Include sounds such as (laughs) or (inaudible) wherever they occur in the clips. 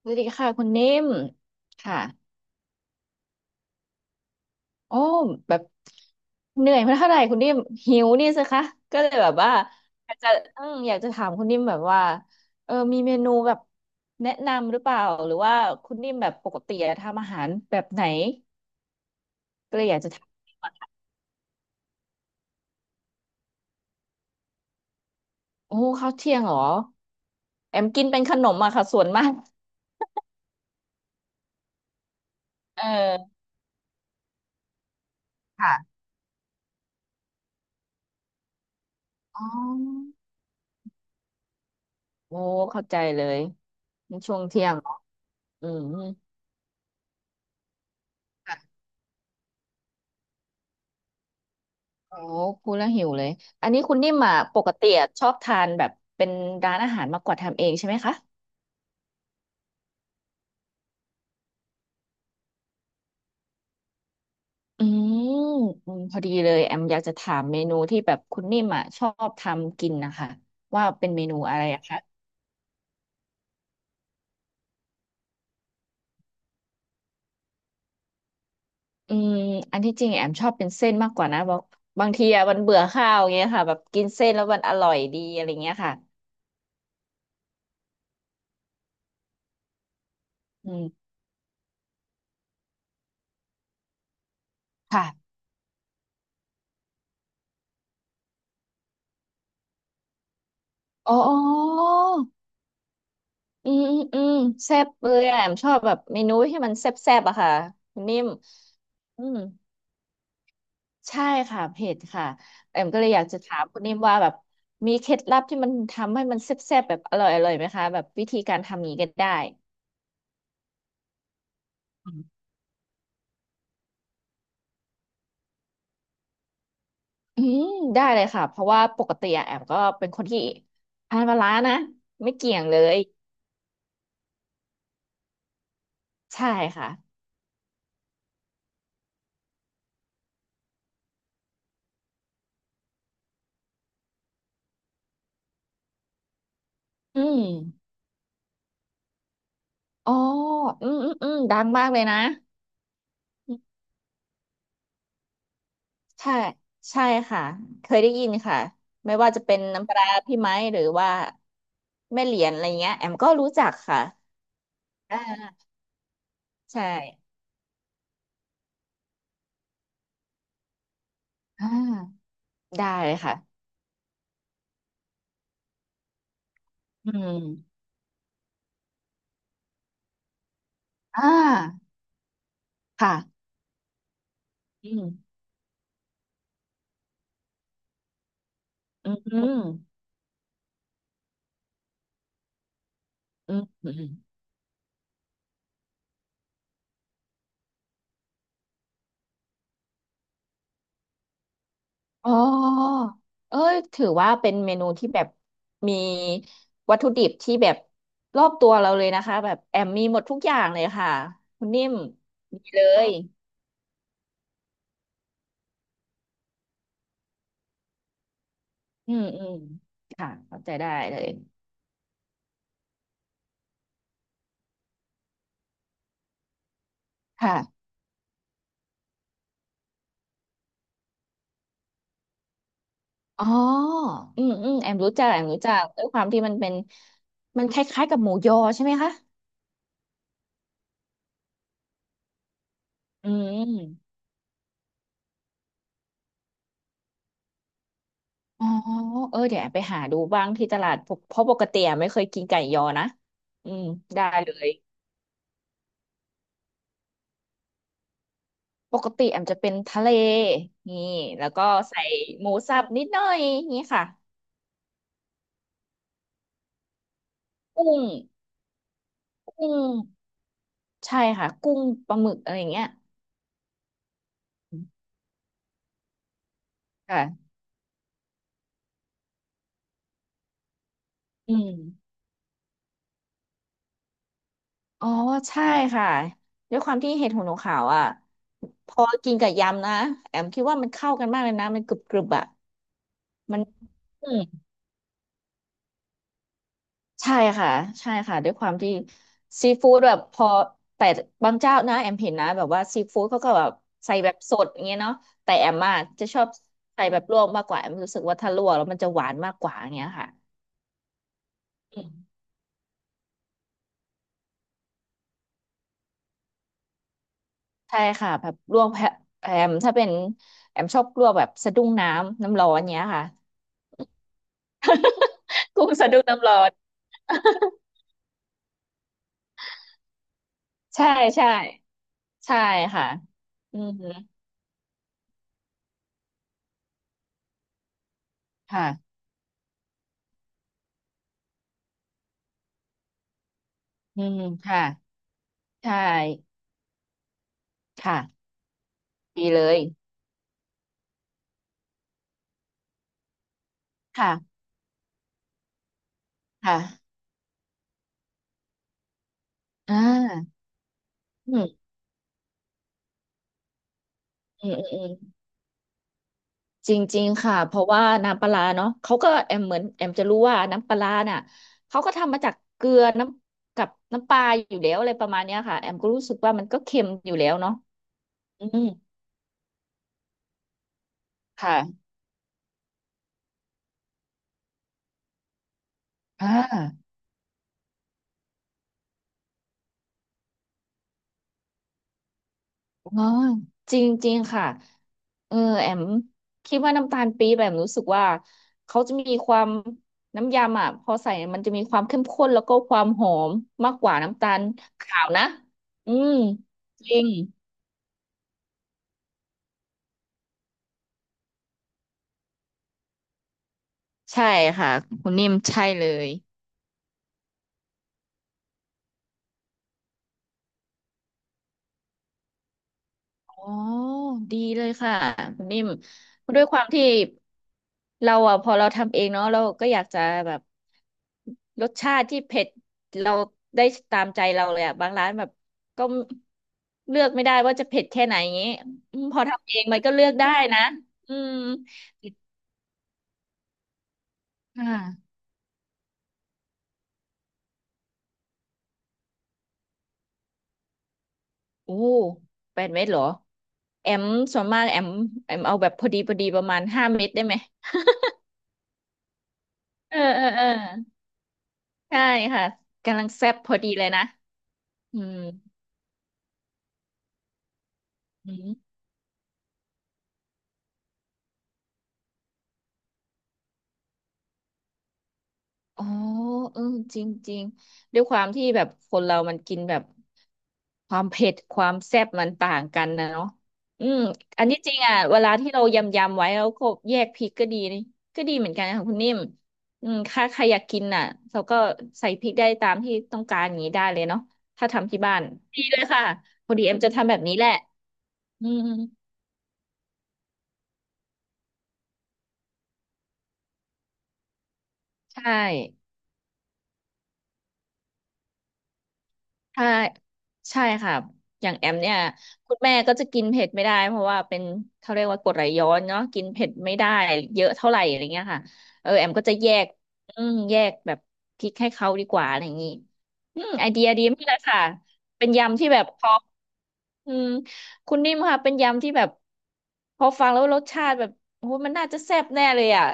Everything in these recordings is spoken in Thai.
สวัสดีค่ะคุณนิ่มค่ะโอ้แบบเหนื่อยมาเท่าไหร่คุณนิ่มหิวนี่สิคะก็เลยแบบว่าอยากจะอยากจะถามคุณนิ่มแบบว่ามีเมนูแบบแนะนำหรือเปล่าหรือว่าคุณนิ่มแบบปกติอะทำอาหารแบบไหนก็เลยอยากจะถามโอ้ข้าวเที่ยงเหรอแอมกินเป็นขนมอะค่ะส่วนมากเออค่ะอ๋อโอ้เข้าใจเลยช่วงเที่ยงเหรออืม โอ้พูดแล้วหิวเลยอันนี้คุณนิ่มอ่ะปกติอะชอบทานแบบเป็นร้านอาหารมากกว่าทำเองใช่ไหมคะอืมอืมพอดีเลยแอมอยากจะถามเมนูที่แบบคุณนิ่มอ่ะชอบทำกินนะคะว่าเป็นเมนูอะไรอะคะอืมอันที่จริงแอมชอบเป็นเส้นมากกว่านะบอกบางทีอะมันเบื่อข้าวอย่างเงี้ยค่ะแบบกินเส้นแล้วมันอร่อยดีอะไรเงี้ยค่ะอืมค่ะอ๋ออ๋ออืมอืมอืมแซ่บเลยอะแอมชอบแบบเมนูที่มันแซ่บๆอะค่ะคุณนิ่มอืม ใช่ค่ะเผ็ดค่ะแอมก็เลยอยากจะถามคุณนิ่มว่าแบบมีเคล็ดลับที่มันทำให้มันแซ่บๆแบบอร่อยอร่อยไหมคะแบบวิธีการทำงนี้ก็ได้อืมได้เลยค่ะเพราะว่าปกติอะแอมก็เป็นคนที่ทานปลาร้านะไม่เกี่ยงเลยใช่ค่ะอืมอ๋ออืมอืมอืมดังมากเลยนะอืมใช่ใช่ค่ะเคยได้ยินค่ะไม่ว่าจะเป็นน้ำปลาร้าพี่ไม้หรือว่าแม่เหรียญอะไรเงี้ยแอมก็รู้จักค่ะอ่าใช่ อ่าได้เลยค่ะอืมอ่าค่ะอืมอืมอืมอืมอมอ๋อเอ้ยถือว่าเป็นเมนูที่แบบมีวัตถุดิบที่แบบรอบตัวเราเลยนะคะแบบแอมมีหมดทุกอย่างเลยค่ะคุณนิ่มมีเลยอืมอืมค่ะเข้าใจได้เลยค่ะอ๋ออืมอืมแอมรู้จักแอมรู้จักด้วยความที่มันเป็นมันคล้ายๆกับหมูยอใช่ไหมคะอืม อ๋อเออเดี๋ยวแอบไปหาดูบ้างที่ตลาดปกเพราะปกติแอมไม่เคยกินไก่ยอนะอืมได้เลยปกติแอมจะเป็นทะเลนี่แล้วก็ใส่หมูสับนิดหน่อยนี่ค่ะกุ้งกุ้งใช่ค่ะกุ้งปลาหมึกอะไรอย่างเงี้ยค่ะอืมอ๋อใช่ค่ะด้วยความที่เห็ดหูหนูขาวอ่ะพอกินกับยำนะแอมคิดว่ามันเข้ากันมากเลยนะมันกรึบกรึบอ่ะมันอืม ใช่ค่ะใช่ค่ะด้วยความที่ซีฟู้ดแบบพอแต่บางเจ้านะแอมเห็นนะแบบว่าซีฟู้ดเขาก็แบบใส่แบบสดอย่างเงี้ยเนาะแต่แอมอะจะชอบใส่แบบลวกมากกว่าแอมรู้สึกว่าถ้าลวกแล้วมันจะหวานมากกว่าอย่างเงี้ยค่ะอืมใช่ค่ะแบบลวกแพะแอมถ้าเป็นแอมชอบลวกแบบสะดุ้งน้ำน้ำร้อนเงี้ยค่ะ (laughs) กุ้งสะดุ้งน้ำร้อน (laughs) ใช่ใช่ใช่ค่ะอืมค่ะอืมค่ะใช่ค่ะดีเลยค่ะค่ะ อ่าอืมอืมอืมอืมจริงๆค่ะ เพราะว่าน้ำปลาร้าเนาะเขาก็แอมเหมือนแอมจะรู้ว่าน้ำปลาร้าน่ะเขาก็ทำมาจากเกลือน้ำกับน้ำปลาอยู่แล้วอะไรประมาณเนี้ยค่ะแอมก็รู้สึกว่ามันก็เค็มอยู่แล้วเนาะอืมค่ะอ่าอ๋อจริงๆค่ะเออแอมคิดว่าน้ำตาลปี๊บแอมรู้สึกว่าเขาจะมีความน้ำยำอ่ะพอใส่มันจะมีความเข้มข้นแล้วก็ความหอมมากกว่าน้ำตาลขาวนะอืมจริง ใช่ค่ะคุณนิ่มใช่เลยอ๋อดีเลยค่ะคุณนิ่มด้วยความที่เราอ่ะพอเราทำเองเนาะเราก็อยากจะแบบรสชาติที่เผ็ดเราได้ตามใจเราเลยอ่ะบางร้านแบบก็เลือกไม่ได้ว่าจะเผ็ดแค่ไหนอย่างงี้อืมพอทำเองมันก็เลือกได้นะอืมค่ะโอ้แปดเม็ดเหรอแอมส่วนมากแอมเอาแบบพอดีพอดีประมาณห้าเม็ดได้ไหมเออเออเออ ใช่ค่ะกำลังแซ่บพอดีเลยนะอืมอืมอ๋อเออจริงจริงด้วยความที่แบบคนเรามันกินแบบความเผ็ดความแซ่บมันต่างกันนะเนาะอืมอันนี้จริงอ่ะเวลาที่เรายำไว้แล้วก็แยกพริกก็ดีนี่ก็ดีเหมือนกันค่ะคุณนิ่มอืมถ้าใครอยากกินน่ะเราก็ใส่พริกได้ตามที่ต้องการอย่างนี้ได้เลยเนาะถ้าทำที่บ้านดีเลยค่ะพอดีเอ็มจะทำแบบนี้แหละอืมใช่ ใช่ค่ะอย่างแอมเนี่ยคุณแม่ก็จะกินเผ็ดไม่ได้เพราะว่าเป็นเขาเรียกว่ากรดไหลย้อนเนาะกินเผ็ดไม่ได้เยอะเท่าไหร่อะไรเงี้ยค่ะเออแอมก็จะแยกอืมแยกแบบพริกให้เขาดีกว่าอะไรอย่างงี้อืมไอเดียดีมากเลยค่ะเป็นยำที่แบบพออืมคุณนิ่มค่ะเป็นยำที่แบบพอฟังแล้วรสชาติแบบโอ้โหมันน่าจะแซ่บแน่เลยอ่ะ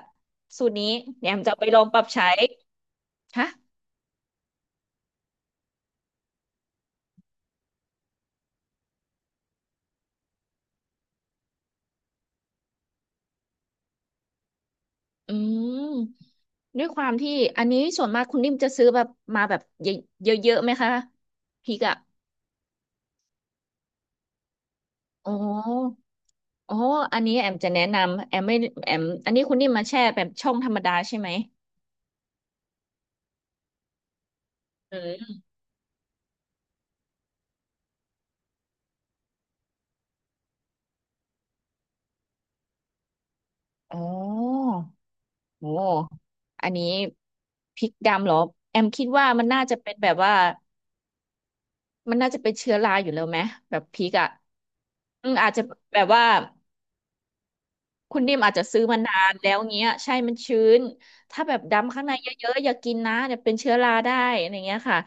สูตรนี้เดี๋ยวแอมจะเอาไปลองปรับใช้ค่ะอืม ด้วยความที่อันนี้ส่วนมากคุณนิ่มจะซื้อแบบมาแบบเยอะเยอะๆไหมคะพริกอ่ะอ๋ออ๋ออันนี้แอมจะแนะนำแอมไม่แอมอันนี้คุณนิ่มมาแช่แบบช่องธรรมดาใช่ไหมอืมอ๋อโอ้อันนี้พริกดำเหรอแอมคิดว่ามันน่าจะเป็นแบบว่ามันน่าจะเป็นเชื้อราอยู่แล้วไหมแบบพริกอ่ะอืมอาจจะแบบว่า คุณดิมอาจจะซื้อมานานแล้วเงี้ยใช่มันชื้นถ้าแบบดำข้างในเยอะๆอย่ากินนะเดี๋ยวเป็นเชื้อราได้อะไรเงี้ยค่ะ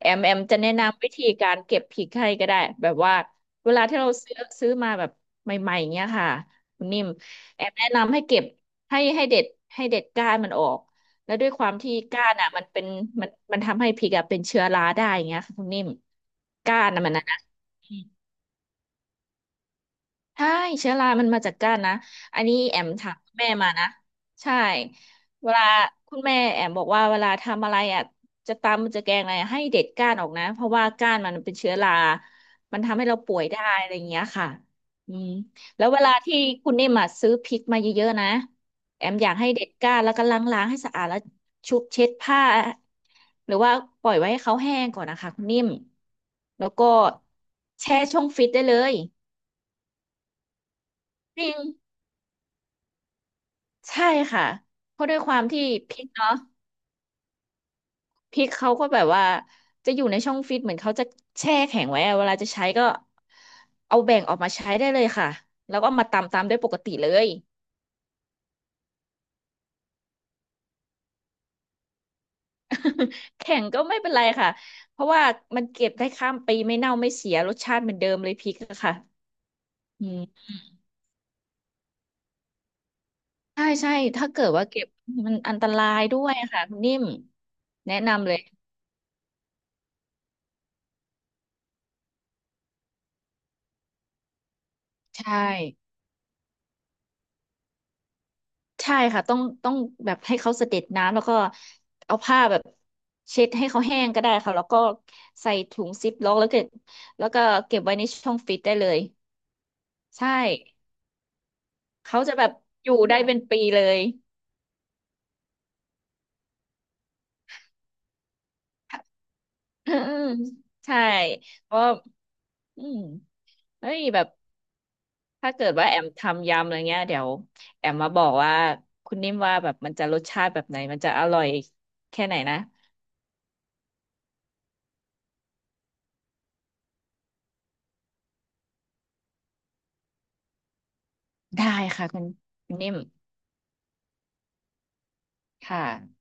แอมจะแนะนำวิธีการเก็บพริกให้ก็ได้แบบว่าเวลาที่เราซื้อมาแบบใหม่ๆเงี้ยค่ะคุณนิ่มแอมแนะนำให้เก็บให้เด็ดให้เด็ดก้านมันออกแล้วด้วยความที่ก้านอ่ะมันเป็นมันทำให้พริกอ่ะเป็นเชื้อราได้อย่างเงี้ยค่ะคุณนิ่มก้านอ่ะมันนะ ใช่เชื้อรามันมาจากก้านนะอันนี้แอมถามคุณแม่มานะใช่เวลาคุณแม่แอมบอกว่าเวลาทำอะไรอ่ะจะตำจะแกงอะไรอะให้เด็ดก้านออกนะเพราะว่าก้านมันเป็นเชื้อรามันทำให้เราป่วยได้อะไรอย่างเงี้ยค่ะอืมแล้วเวลาที่คุณนิ่มอะซื้อพริกมาเยอะๆนะแอมอยากให้เด็ดก้านแล้วก็ล้างๆให้สะอาดแล้วชุบเช็ดผ้าหรือว่าปล่อยไว้ให้เขาแห้งก่อนนะคะคุณนิ่มแล้วก็แช่ช่องฟิตได้เลยจริง ใช่ค่ะเพราะด้วยความที่พริกเนาะพริกเขาก็แบบว่าจะอยู่ในช่องฟิตเหมือนเขาจะแช่แข็งไว้อะเวลาจะใช้ก็เอาแบ่งออกมาใช้ได้เลยค่ะแล้วก็มาตำตามด้วยปกติเลย (laughs) แข็งก็ไม่เป็นไรค่ะเพราะว่ามันเก็บได้ข้ามปีไม่เน่าไม่เสียรสชาติเหมือนเดิมเลยพริกอะค่ะอืมใช่ใช่ถ้าเกิดว่าเก็บมันอันตรายด้วยอะค่ะคุณนิ่มแนะนำเลยใช่ ใช่ค่ะต้องแบบให้เขาเสด็จน้ำแล้วก็เอาผ้าแบบเช็ดให้เขาแห้งก็ได้ค่ะแล้วก็ใส่ถุงซิปล็อกแล้วก็เก็บไว้ในช่องฟิตได้เลยใช่เขาจะแบบอยู่ได้เป็นปีเลย (coughs) อืมใช่เพราะอืมเฮ้ยแบบถ้าเกิดว่าแอมทำยำอะไรเงี้ยเดี๋ยวแอมมาบอกว่าคุณนิ่มว่าแบบมันจะรสชาติแบบไหนมันจะอร่อยแค่ไหนนะได้ค่ะคุณนิ่มค่ะ